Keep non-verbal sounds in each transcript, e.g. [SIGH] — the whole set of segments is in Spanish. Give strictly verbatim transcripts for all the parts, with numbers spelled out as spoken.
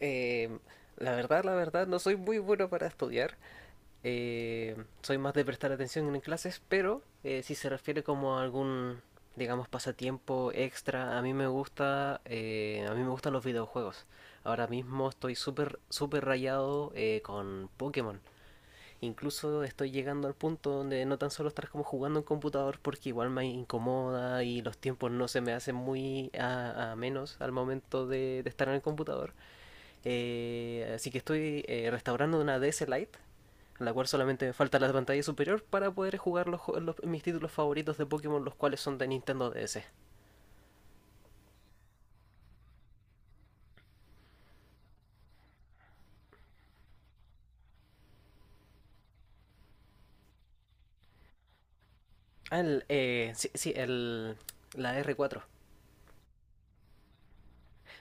Eh, la verdad, la verdad, no soy muy bueno para estudiar. Eh, Soy más de prestar atención en clases, pero eh, si se refiere como a algún, digamos, pasatiempo extra, a mí me gusta, eh, a mí me gustan los videojuegos. Ahora mismo estoy súper, súper rayado eh, con Pokémon. Incluso estoy llegando al punto donde no tan solo estar como jugando en computador porque igual me incomoda y los tiempos no se me hacen muy a, a menos al momento de, de estar en el computador, eh, así que estoy eh, restaurando una D S Lite, en la cual solamente me falta la pantalla superior para poder jugar los, los- mis títulos favoritos de Pokémon, los cuales son de Nintendo D S. Ah, el, eh, sí, sí, el, La R cuatro.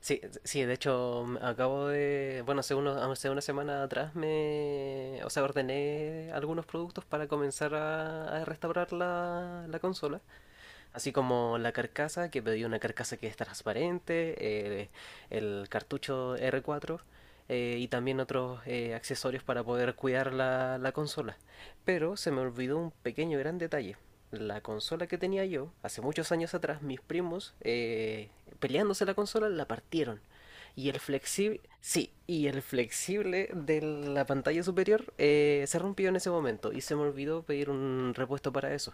Sí, sí, de hecho acabo de, bueno, hace, uno- hace una semana atrás me, o sea, ordené algunos productos para comenzar a, a restaurar la, la consola. Así como la carcasa, que pedí una carcasa que es transparente, eh, el cartucho R cuatro, eh, y también otros eh, accesorios para poder cuidar la, la consola. Pero se me olvidó un pequeño gran detalle. La consola que tenía yo, hace muchos años atrás, mis primos, eh, peleándose la consola, la partieron. Y el flexible, sí, y el flexible de la pantalla superior eh, se rompió en ese momento y se me olvidó pedir un repuesto para eso,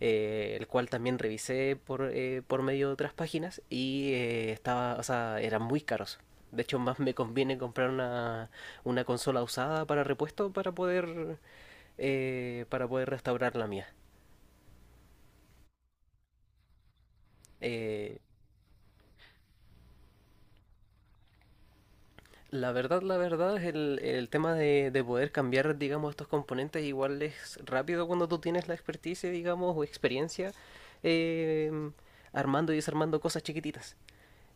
eh, el cual también revisé por, eh, por medio de otras páginas y eh, estaba, o sea, eran muy caros. De hecho, más me conviene comprar una, una consola usada para repuesto para poder, eh, para poder restaurar la mía. Eh, la verdad, la verdad, es el, el tema de, de poder cambiar, digamos, estos componentes, igual es rápido cuando tú tienes la experticia, digamos, o experiencia eh, armando y desarmando cosas chiquititas.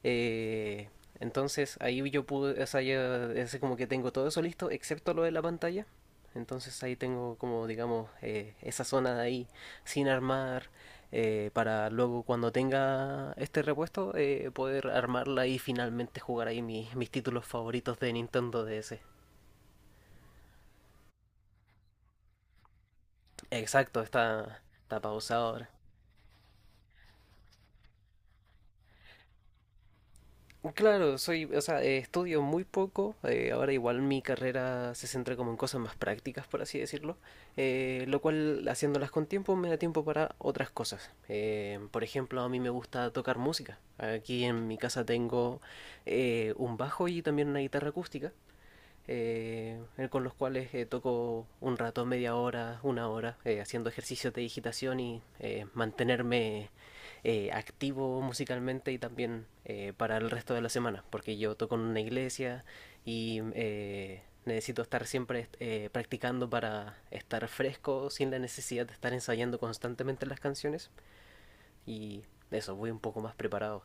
Eh, entonces ahí yo pude, o sea, ya es como que tengo todo eso listo, excepto lo de la pantalla. Entonces ahí tengo como, digamos, eh, esa zona de ahí sin armar, eh, para luego cuando tenga este repuesto eh, poder armarla y finalmente jugar ahí mis, mis títulos favoritos de Nintendo D S. Exacto, está, está pausado ahora. Claro, soy, o sea, eh, estudio muy poco. Eh, ahora igual mi carrera se centra como en cosas más prácticas, por así decirlo. Eh, lo cual, haciéndolas con tiempo, me da tiempo para otras cosas. Eh, por ejemplo, a mí me gusta tocar música. Aquí en mi casa tengo eh, un bajo y también una guitarra acústica, eh, con los cuales eh, toco un rato, media hora, una hora, eh, haciendo ejercicios de digitación y eh, mantenerme eh, activo musicalmente y también eh, para el resto de la semana, porque yo toco en una iglesia y eh, necesito estar siempre eh, practicando para estar fresco sin la necesidad de estar ensayando constantemente las canciones y eso, voy un poco más preparado.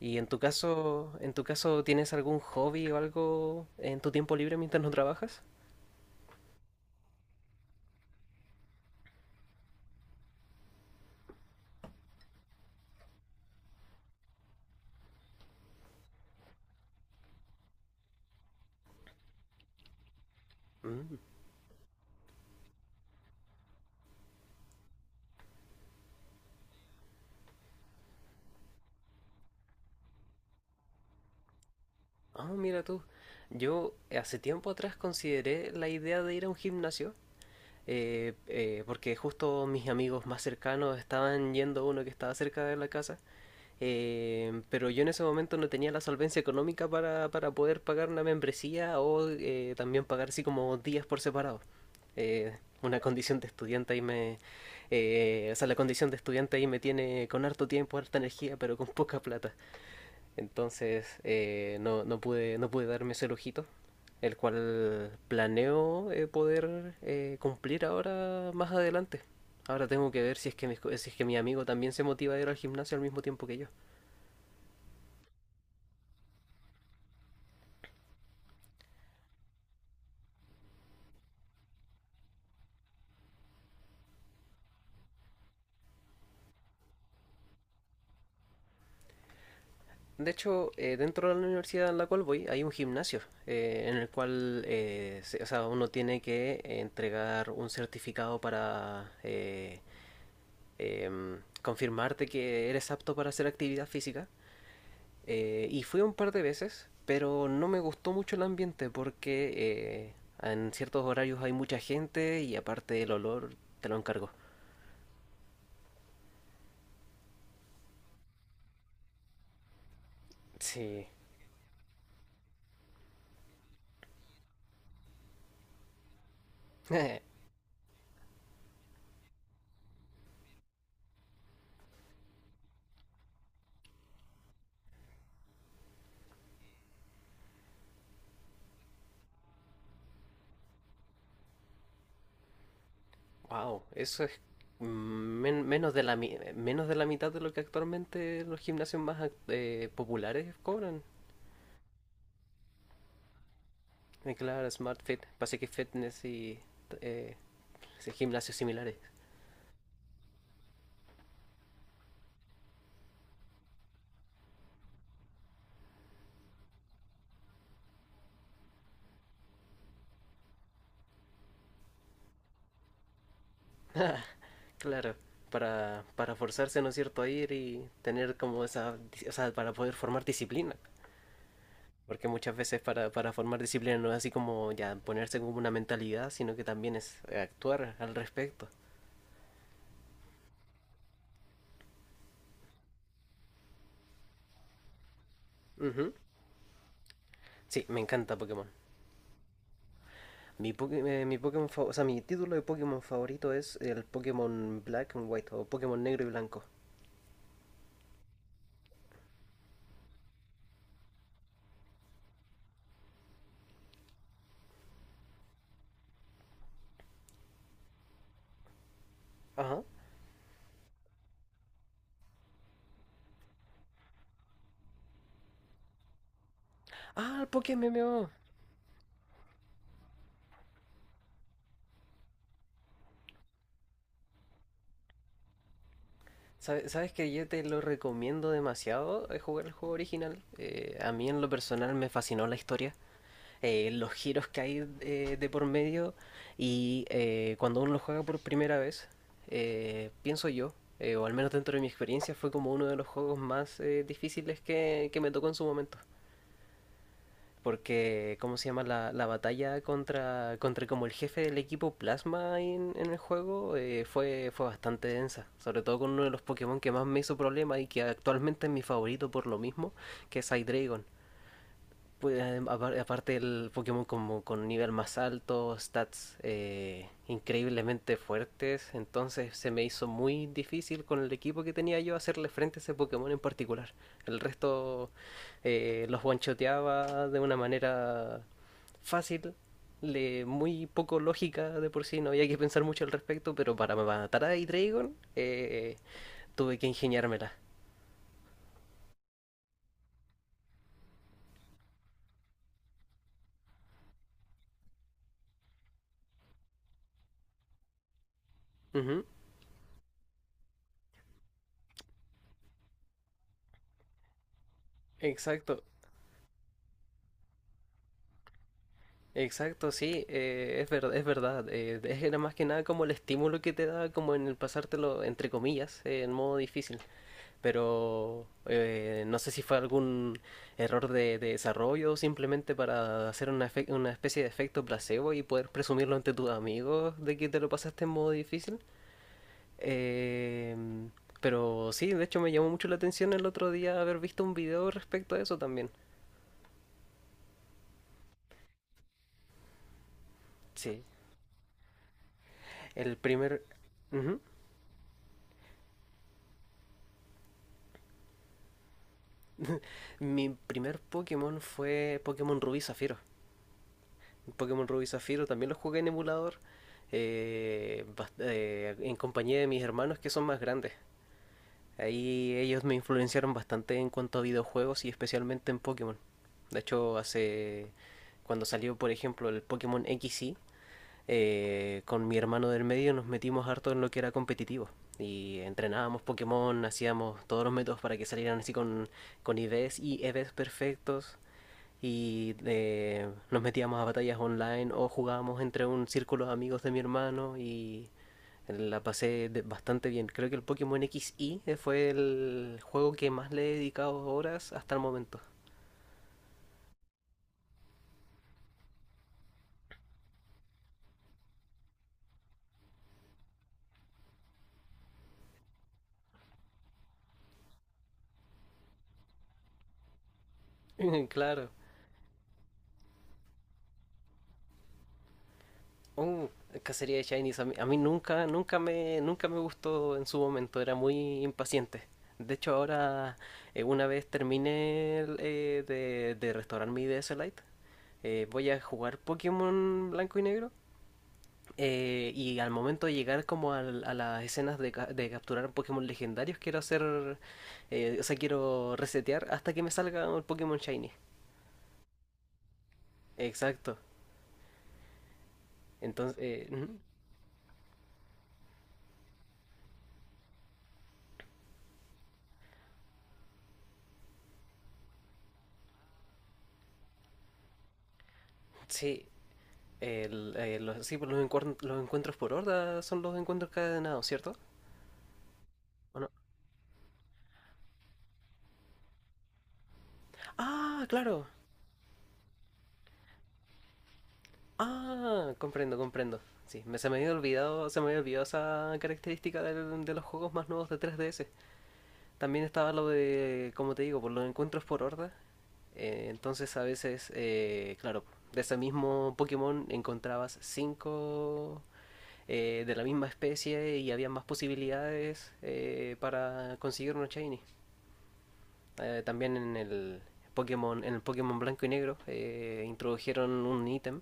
¿Y en tu caso, en tu caso tienes algún hobby o algo en tu tiempo libre mientras no trabajas? Mm. Ah, mira tú. Yo, eh, hace tiempo atrás consideré la idea de ir a un gimnasio, eh, eh, porque justo mis amigos más cercanos estaban yendo a uno que estaba cerca de la casa, eh, pero yo en ese momento no tenía la solvencia económica para, para poder pagar una membresía o eh, también pagar así como días por separado. Eh, una condición de estudiante ahí me... eh, o sea, la condición de estudiante ahí me tiene con harto tiempo, harta energía, pero con poca plata. Entonces eh, no, no, pude, no pude darme ese lujito, el cual planeo eh, poder eh, cumplir ahora más adelante. Ahora tengo que ver si es que, mi, si es que mi amigo también se motiva a ir al gimnasio al mismo tiempo que yo. De hecho, eh, dentro de la universidad en la cual voy hay un gimnasio, eh, en el cual eh, se- o sea, uno tiene que entregar un certificado para eh, em, confirmarte que eres apto para hacer actividad física. Eh, y fui un par de veces, pero no me gustó mucho el ambiente porque eh, en ciertos horarios hay mucha gente y aparte el olor te lo encargo. Sí. [LAUGHS] Wow, eso es men- menos, de la mi- menos de la mitad de lo que actualmente los gimnasios más ac- eh, populares cobran. Eh, claro, Smart Fit, Pacific Fitness y eh, sí, gimnasios similares. Claro, para, para forzarse, ¿no es cierto?, a ir y tener como esa, o sea, para poder formar disciplina. Porque muchas veces para, para formar disciplina no es así como ya ponerse como una mentalidad, sino que también es eh, actuar al respecto. Ujú. Sí, me encanta Pokémon. Mi, Poké- eh, mi Pokémon fa- O sea, mi título de Pokémon favorito es el Pokémon Black and White o Pokémon Negro y Blanco. Ajá. Ah, el Pokémon M M O. Sabe- Sabes que yo te lo recomiendo demasiado, eh, jugar el juego original. Eh, a mí en lo personal me fascinó la historia, eh, los giros que hay eh, de por medio, y eh, cuando uno lo juega por primera vez, eh, pienso yo, eh, o al menos dentro de mi experiencia, fue como uno de los juegos más eh, difíciles que, que me tocó en su momento. Porque, ¿cómo se llama? La, la batalla contra, contra como el jefe del equipo Plasma ahí en, en el juego, eh, fue, fue bastante densa. Sobre todo con uno de los Pokémon que más me hizo problema y que actualmente es mi favorito por lo mismo, que es Hydreigon. Pues, adem- apar- aparte el Pokémon como con nivel más alto, stats eh, increíblemente fuertes, entonces se me hizo muy difícil con el equipo que tenía yo hacerle frente a ese Pokémon en particular. El resto, eh, los one-shoteaba de una manera fácil, le, muy poco lógica de por sí, no había que pensar mucho al respecto, pero para matar a Hydreigon, eh, tuve que ingeniármela. Ujú. Exacto. Exacto, sí, eh, es verdad, es verdad. Eh, es Era más que nada como el estímulo que te da, como en el pasártelo, entre comillas, eh, en modo difícil. Pero eh, no sé si fue algún error de, de desarrollo o simplemente para hacer una, efe- una especie de efecto placebo y poder presumirlo ante tus amigos de que te lo pasaste en modo difícil. Em, pero sí, de hecho me llamó mucho la atención el otro día haber visto un video respecto a eso también. Sí, el primer... Ujú. Mi primer Pokémon fue Pokémon Rubí Zafiro. Pokémon Rubí Zafiro también lo jugué en emulador, eh, bast- eh, en compañía de mis hermanos que son más grandes. Ahí ellos me influenciaron bastante en cuanto a videojuegos y especialmente en Pokémon. De hecho, hace cuando salió, por ejemplo, el Pokémon X Y, eh, con mi hermano del medio nos metimos harto en lo que era competitivo. Y entrenábamos Pokémon, hacíamos todos los métodos para que salieran así con, con I Vs y E Vs perfectos y eh, nos metíamos a batallas online o jugábamos entre un círculo de amigos de mi hermano y la pasé de- bastante bien. Creo que el Pokémon equis I fue el juego que más le he dedicado horas hasta el momento. [LAUGHS] Claro. Oh, cacería de Shinies. A mí, a mí nunca, nunca me, nunca me gustó en su momento. Era muy impaciente. De hecho, ahora, eh, una vez terminé el, eh, de, de restaurar mi D S Lite, eh, voy a jugar Pokémon Blanco y Negro. Eh, y al momento de llegar como al- a, las escenas de, ca- de capturar Pokémon legendarios, quiero hacer, eh, o sea, quiero resetear hasta que me salga un Pokémon Shiny. Exacto. Entonces, eh, ujú, sí, el- eh, los, sí, pues los, encuern- los encuentros por horda son los encuentros cadenados, ¿cierto? ¿O no? Ah, claro. Ah, comprendo, comprendo. Sí, me, se me había olvidado, se me había olvidado esa característica del- de los juegos más nuevos de tres D S. También estaba lo de, como te digo, por los encuentros por horda. Eh, entonces a veces, eh, claro, de ese mismo Pokémon encontrabas cinco eh, de la misma especie y había más posibilidades eh, para conseguir unos shiny. Eh, también en el Pokémon, en el Pokémon Blanco y Negro eh, introdujeron un ítem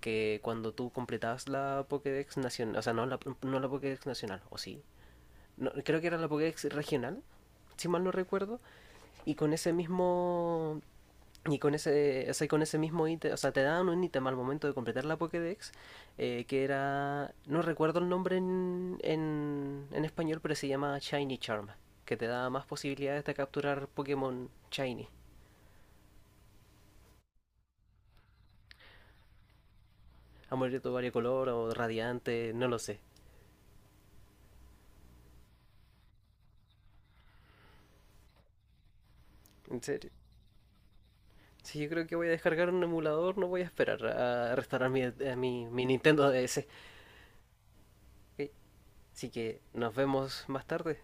que cuando tú completabas la Pokédex nacional, o sea, no la, no la Pokédex nacional, o sí, no, creo que era la Pokédex regional, si mal no recuerdo, y con ese mismo y con ese, o sea, con ese mismo ítem, o sea, te daban un ítem al momento de completar la Pokédex, eh, que era, no recuerdo el nombre en, en, en español, pero se llama Shiny Charm, que te da más posibilidades de capturar Pokémon Shiny, amarillo variocolor o radiante, no lo sé, en serio. Si yo creo que voy a descargar un emulador, no voy a esperar a restaurar mi, a mi, mi Nintendo D S. Ok, así que nos vemos más tarde.